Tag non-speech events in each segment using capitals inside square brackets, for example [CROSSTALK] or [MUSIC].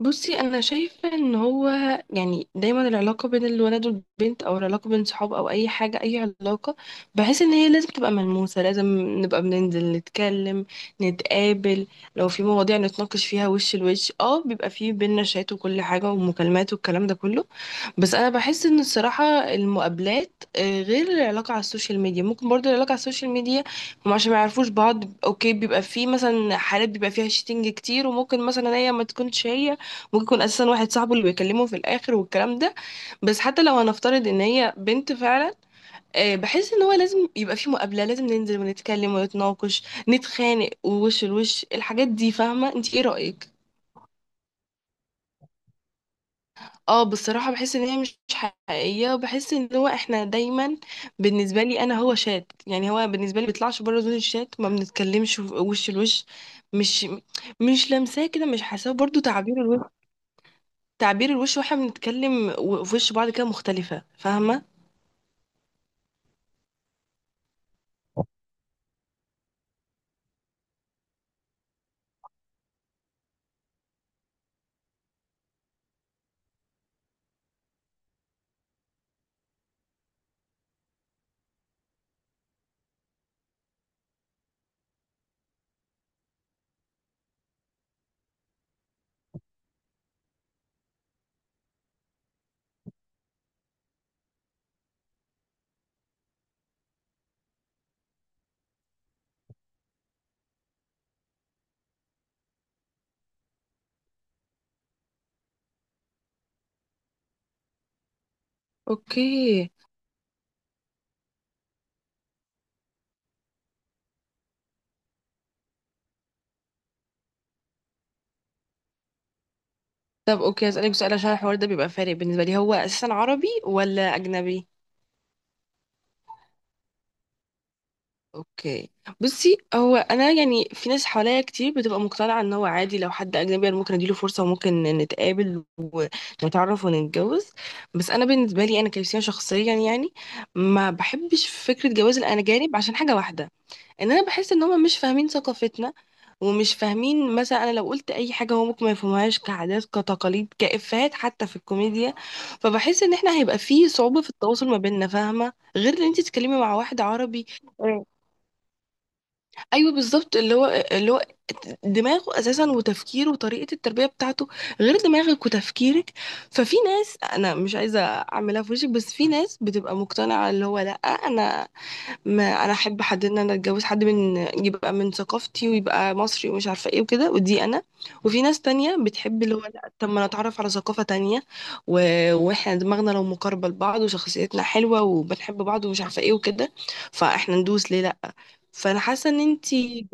بصي، انا شايفه ان هو يعني دايما العلاقه بين الولد والبنت، او العلاقه بين صحاب، او اي حاجه، اي علاقه، بحس ان هي لازم تبقى ملموسه. لازم نبقى بننزل نتكلم، نتقابل. لو في مواضيع نتناقش فيها وش لوش، اه بيبقى في بينا شات وكل حاجه ومكالمات والكلام ده كله. بس انا بحس ان الصراحه، المقابلات، غير العلاقه على السوشيال ميديا. ممكن برضو العلاقه على السوشيال ميديا هم عشان ما يعرفوش بعض، اوكي، بيبقى في مثلا حالات بيبقى فيها شيتنج كتير، وممكن مثلا هي ما تكونش هي، ممكن يكون اساسا واحد صاحبه اللي بيكلمه في الاخر والكلام ده. بس حتى لو هنفترض ان هي بنت فعلا، بحس ان هو لازم يبقى في مقابله، لازم ننزل ونتكلم ونتناقش، نتخانق ووش لوش الحاجات دي. فاهمه، انت ايه رايك؟ اه بصراحه بحس ان هي مش حقيقيه، وبحس ان هو احنا دايما بالنسبه لي انا، هو شات. يعني هو بالنسبه لي بيطلعش بره زون الشات، ما بنتكلمش وش لوش، مش مش لمساه كده، مش حاساه، برضو تعبير الوش واحنا بنتكلم في وش بعض كده مختلفة. فاهمة؟ اوكي. طب اوكي، هسألك سؤال عشان الحوار ده بيبقى فارق بالنسبة لي. هو اساسا عربي ولا اجنبي؟ اوكي. بصي، هو انا يعني في ناس حواليا كتير بتبقى مقتنعة ان هو عادي لو حد اجنبي، انا ممكن اديله فرصة وممكن نتقابل ونتعرف ونتجوز. بس انا بالنسبة لي انا كريستيان شخصيا، يعني ما بحبش فكرة جواز الاجانب عشان حاجة واحدة. ان انا بحس ان هم مش فاهمين ثقافتنا، ومش فاهمين مثلا انا لو قلت اي حاجه هو ممكن ما يفهمهاش، كعادات، كتقاليد، كافيهات، حتى في الكوميديا. فبحس ان احنا هيبقى فيه صعوبه في التواصل ما بيننا، فاهمه، غير ان انت تتكلمي مع واحد عربي. مم. ايوه بالظبط. اللي هو دماغه اساسا وتفكيره وطريقه التربيه بتاعته غير دماغك وتفكيرك. ففي ناس انا مش عايزه اعملها في وشك، بس في ناس بتبقى مقتنعه اللي هو لا، انا ما انا احب حد ان انا اتجوز حد من، يبقى من ثقافتي ويبقى مصري ومش عارفه ايه وكده، ودي انا. وفي ناس تانية بتحب اللي هو لا، طب ما نتعرف على ثقافه تانية و... واحنا دماغنا لو مقاربه لبعض وشخصيتنا حلوه وبنحب بعض ومش عارفه ايه وكده، فاحنا ندوس ليه؟ لا. فانا حاسه ان انتي،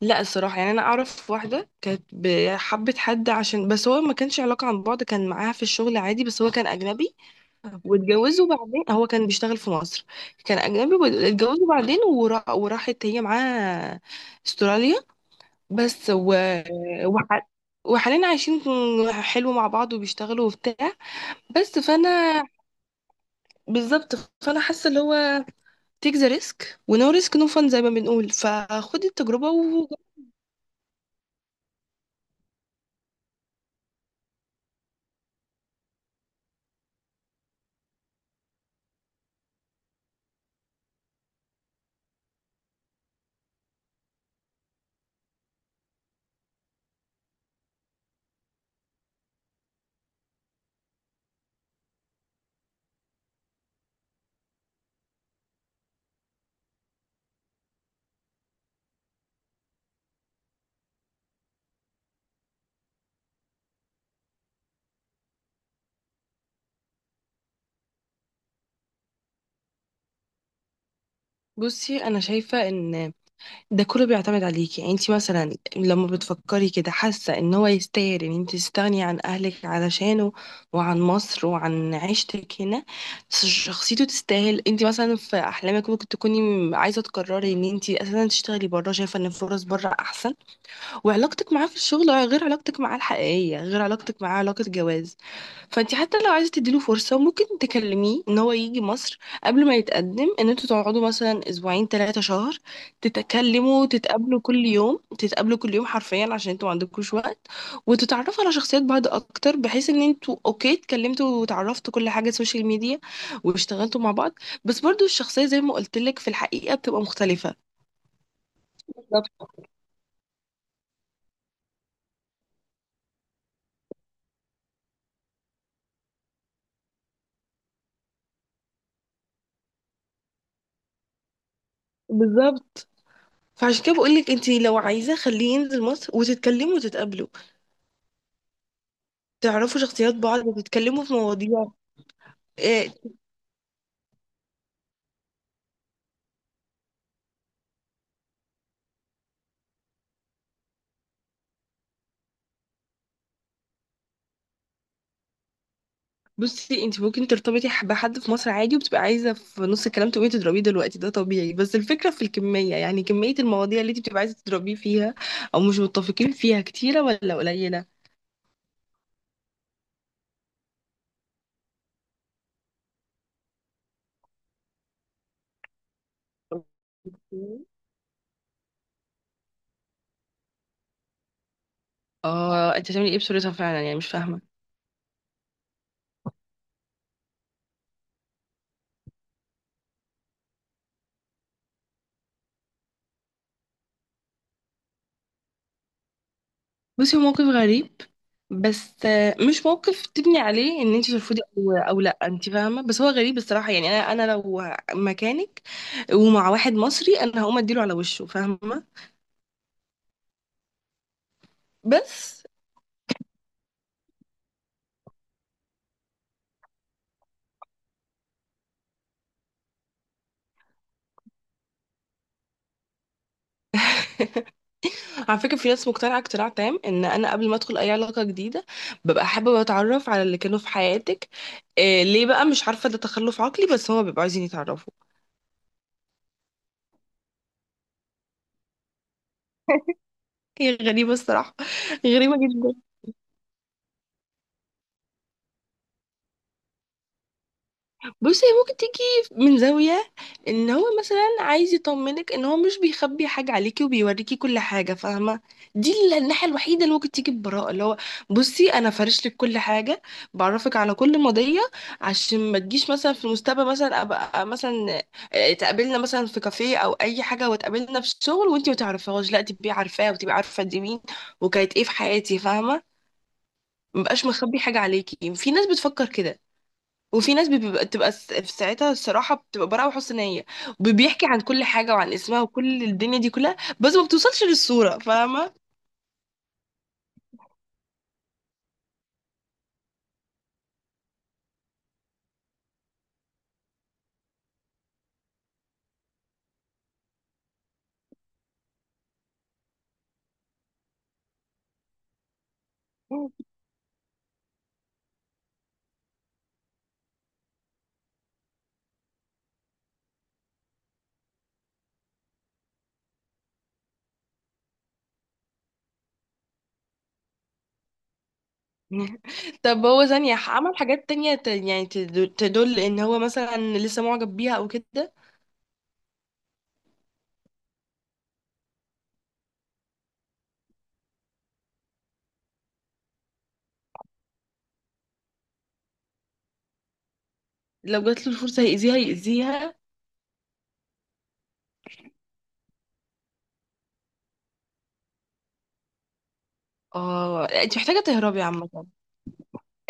لا الصراحه يعني انا اعرف واحده كانت حبت حد عشان، بس هو ما كانش علاقه عن بعد، كان معاها في الشغل عادي، بس هو كان اجنبي. طب واتجوزوا بعدين. هو كان بيشتغل في مصر، كان أجنبي واتجوزوا بعدين وراحت هي معاه استراليا. بس وح... وحاليا عايشين حلو مع بعض وبيشتغلوا وبتاع. بس فأنا، بالظبط، فأنا حاسة اللي هو تيك ذا ريسك ونو ريسك نو فان زي ما بنقول. فخدي التجربة بصي أنا شايفة إن ده كله بيعتمد عليكي. يعني انت مثلا لما بتفكري كده، حاسه ان هو يستاهل ان انت تستغني عن اهلك علشانه وعن مصر وعن عيشتك هنا؟ بس شخصيته تستاهل؟ انت مثلا في احلامك ممكن تكوني عايزه تقرري ان انت اساسا تشتغلي بره، شايفه ان الفرص بره احسن. وعلاقتك معاه في الشغل غير علاقتك معاه الحقيقية، غير علاقتك معاه علاقة جواز. فانت حتى لو عايزة تديله فرصة، ممكن تكلميه ان هو يجي مصر قبل ما يتقدم، ان انتوا تقعدوا مثلا اسبوعين 3 شهر، تتكلموا، تتقابلوا كل يوم، تتقابلوا كل يوم حرفيا عشان انتوا ما عندكوش وقت، وتتعرفوا على شخصيات بعض اكتر، بحيث ان انتوا اوكي اتكلمتوا وتعرفتوا كل حاجة سوشيال ميديا واشتغلتوا مع بعض. بس برضو الشخصية زي ما قلت لك، في الحقيقة بتبقى مختلفة. بالظبط بالظبط. فعشان كده بقولك، انت لو عايزة خليه ينزل مصر وتتكلموا وتتقابلوا، تعرفوا شخصيات بعض وتتكلموا في مواضيع. اه، بصي انت ممكن ترتبطي بحد في مصر عادي وبتبقى عايزة في نص الكلام تقومي تضربيه دلوقتي، ده طبيعي. بس الفكرة في الكمية، يعني كمية المواضيع اللي انت بتبقى عايزة تضربيه فيها او مش متفقين فيها، كتيرة ولا قليلة. اه، انت هتعملي ايه بصورتها فعلا؟ يعني مش فاهمة. بصي، هو موقف غريب. بس مش موقف تبني عليه ان انت ترفضي، او او لا انت فاهمه، بس هو غريب الصراحه. يعني انا لو مكانك ومع واحد مصري انا هقوم اديله على وشه، فاهمه. بس على فكره في ناس مقتنعه اقتناع تام، ان انا قبل ما ادخل اي علاقه جديده ببقى حابه اتعرف على اللي كانوا في حياتك. إيه ليه بقى؟ مش عارفه، ده تخلف عقلي، بس هما بيبقوا عايزين يتعرفوا. هي غريبه الصراحه، غريبه جدا. بصي هي ممكن تيجي من زاوية ان هو مثلا عايز يطمنك ان هو مش بيخبي حاجة عليكي وبيوريكي كل حاجة، فاهمة. دي الناحية الوحيدة اللي ممكن تيجي ببراءة، اللي هو بصي انا فارش لك كل حاجة، بعرفك على كل مضية عشان ما تجيش مثلا في المستقبل، مثلا ابقى مثلا تقابلنا مثلا في كافيه او اي حاجة وتقابلنا في الشغل وانتي ما تعرفيهاش، لا تبقي عارفاه وتبقي عارفة دي مين وكانت ايه في حياتي، فاهمة. مبقاش مخبي حاجة عليكي. في ناس بتفكر كده، وفي ناس بتبقى في ساعتها الصراحه بتبقى براءه وحسن نيه وبيحكي عن كل حاجه وعن اسمها وكل الدنيا دي كلها، بس ما بتوصلش للصوره، فاهمه. [LAUGHS] طب هو ثانيه عمل حاجات تانية يعني تدل ان هو مثلا لسه معجب بيها او كده؟ لو جات له الفرصه هيأذيها يأذيها. اه، انت محتاجه تهربي عامه.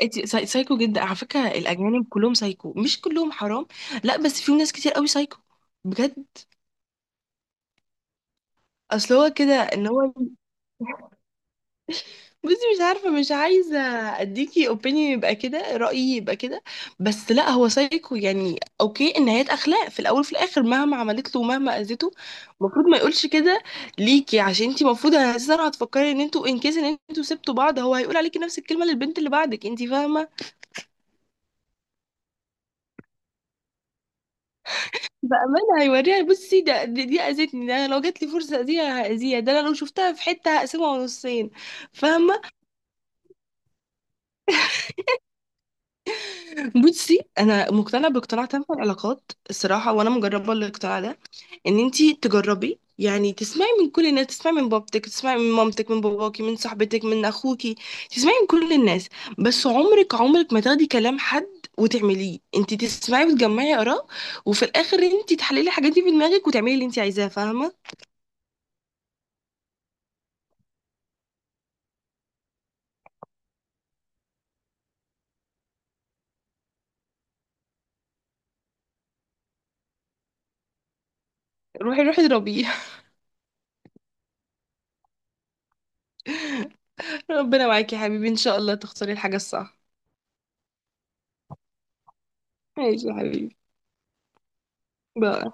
انت سايكو جدا. على فكره الاجانب كلهم سايكو، مش كلهم، حرام، لا، بس في ناس كتير قوي سايكو، بجد. اصل هو كده ان هو [LAUGHS] بصي مش عارفة، مش عايزة اديكي اوبينيون يبقى كده رأيي يبقى كده. بس لا، هو سايكو يعني. اوكي، النهايات اخلاق في الاول وفي الاخر، مهما عملت له ومهما اذيته المفروض ما يقولش كده ليكي، عشان انتي المفروض اساسا هتفكري ان انتوا ان كيس ان انتوا سبتوا بعض، هو هيقول عليكي نفس الكلمة للبنت اللي بعدك، انتي فاهمة. بأمانة هيوريها. بصي، ده دي اذتني، ده انا لو جات لي فرصة اذيها هاذيها، ده انا لو شفتها في حتة هقسمها نصين، فاهمة. بصي انا مقتنعة باقتناع تام في العلاقات الصراحة، وانا مجربة الاقتناع ده، ان انتي تجربي. يعني تسمعي من كل الناس، تسمعي من بابتك، تسمعي من مامتك، من باباكي، من صاحبتك، من اخوكي، تسمعي من كل الناس، بس عمرك عمرك ما تاخدي كلام حد وتعمليه، انتي تسمعي وتجمعي اراء، وفي الاخر انتي تحللي الحاجات دي في دماغك وتعملي اللي انتي عايزاه، فاهمه. روحي روحي اضربيه. [LAUGHS] ربنا معاكي يا حبيبي، ان شاء الله تختاري الحاجه الصح. ماشي يا حبيبي. باي.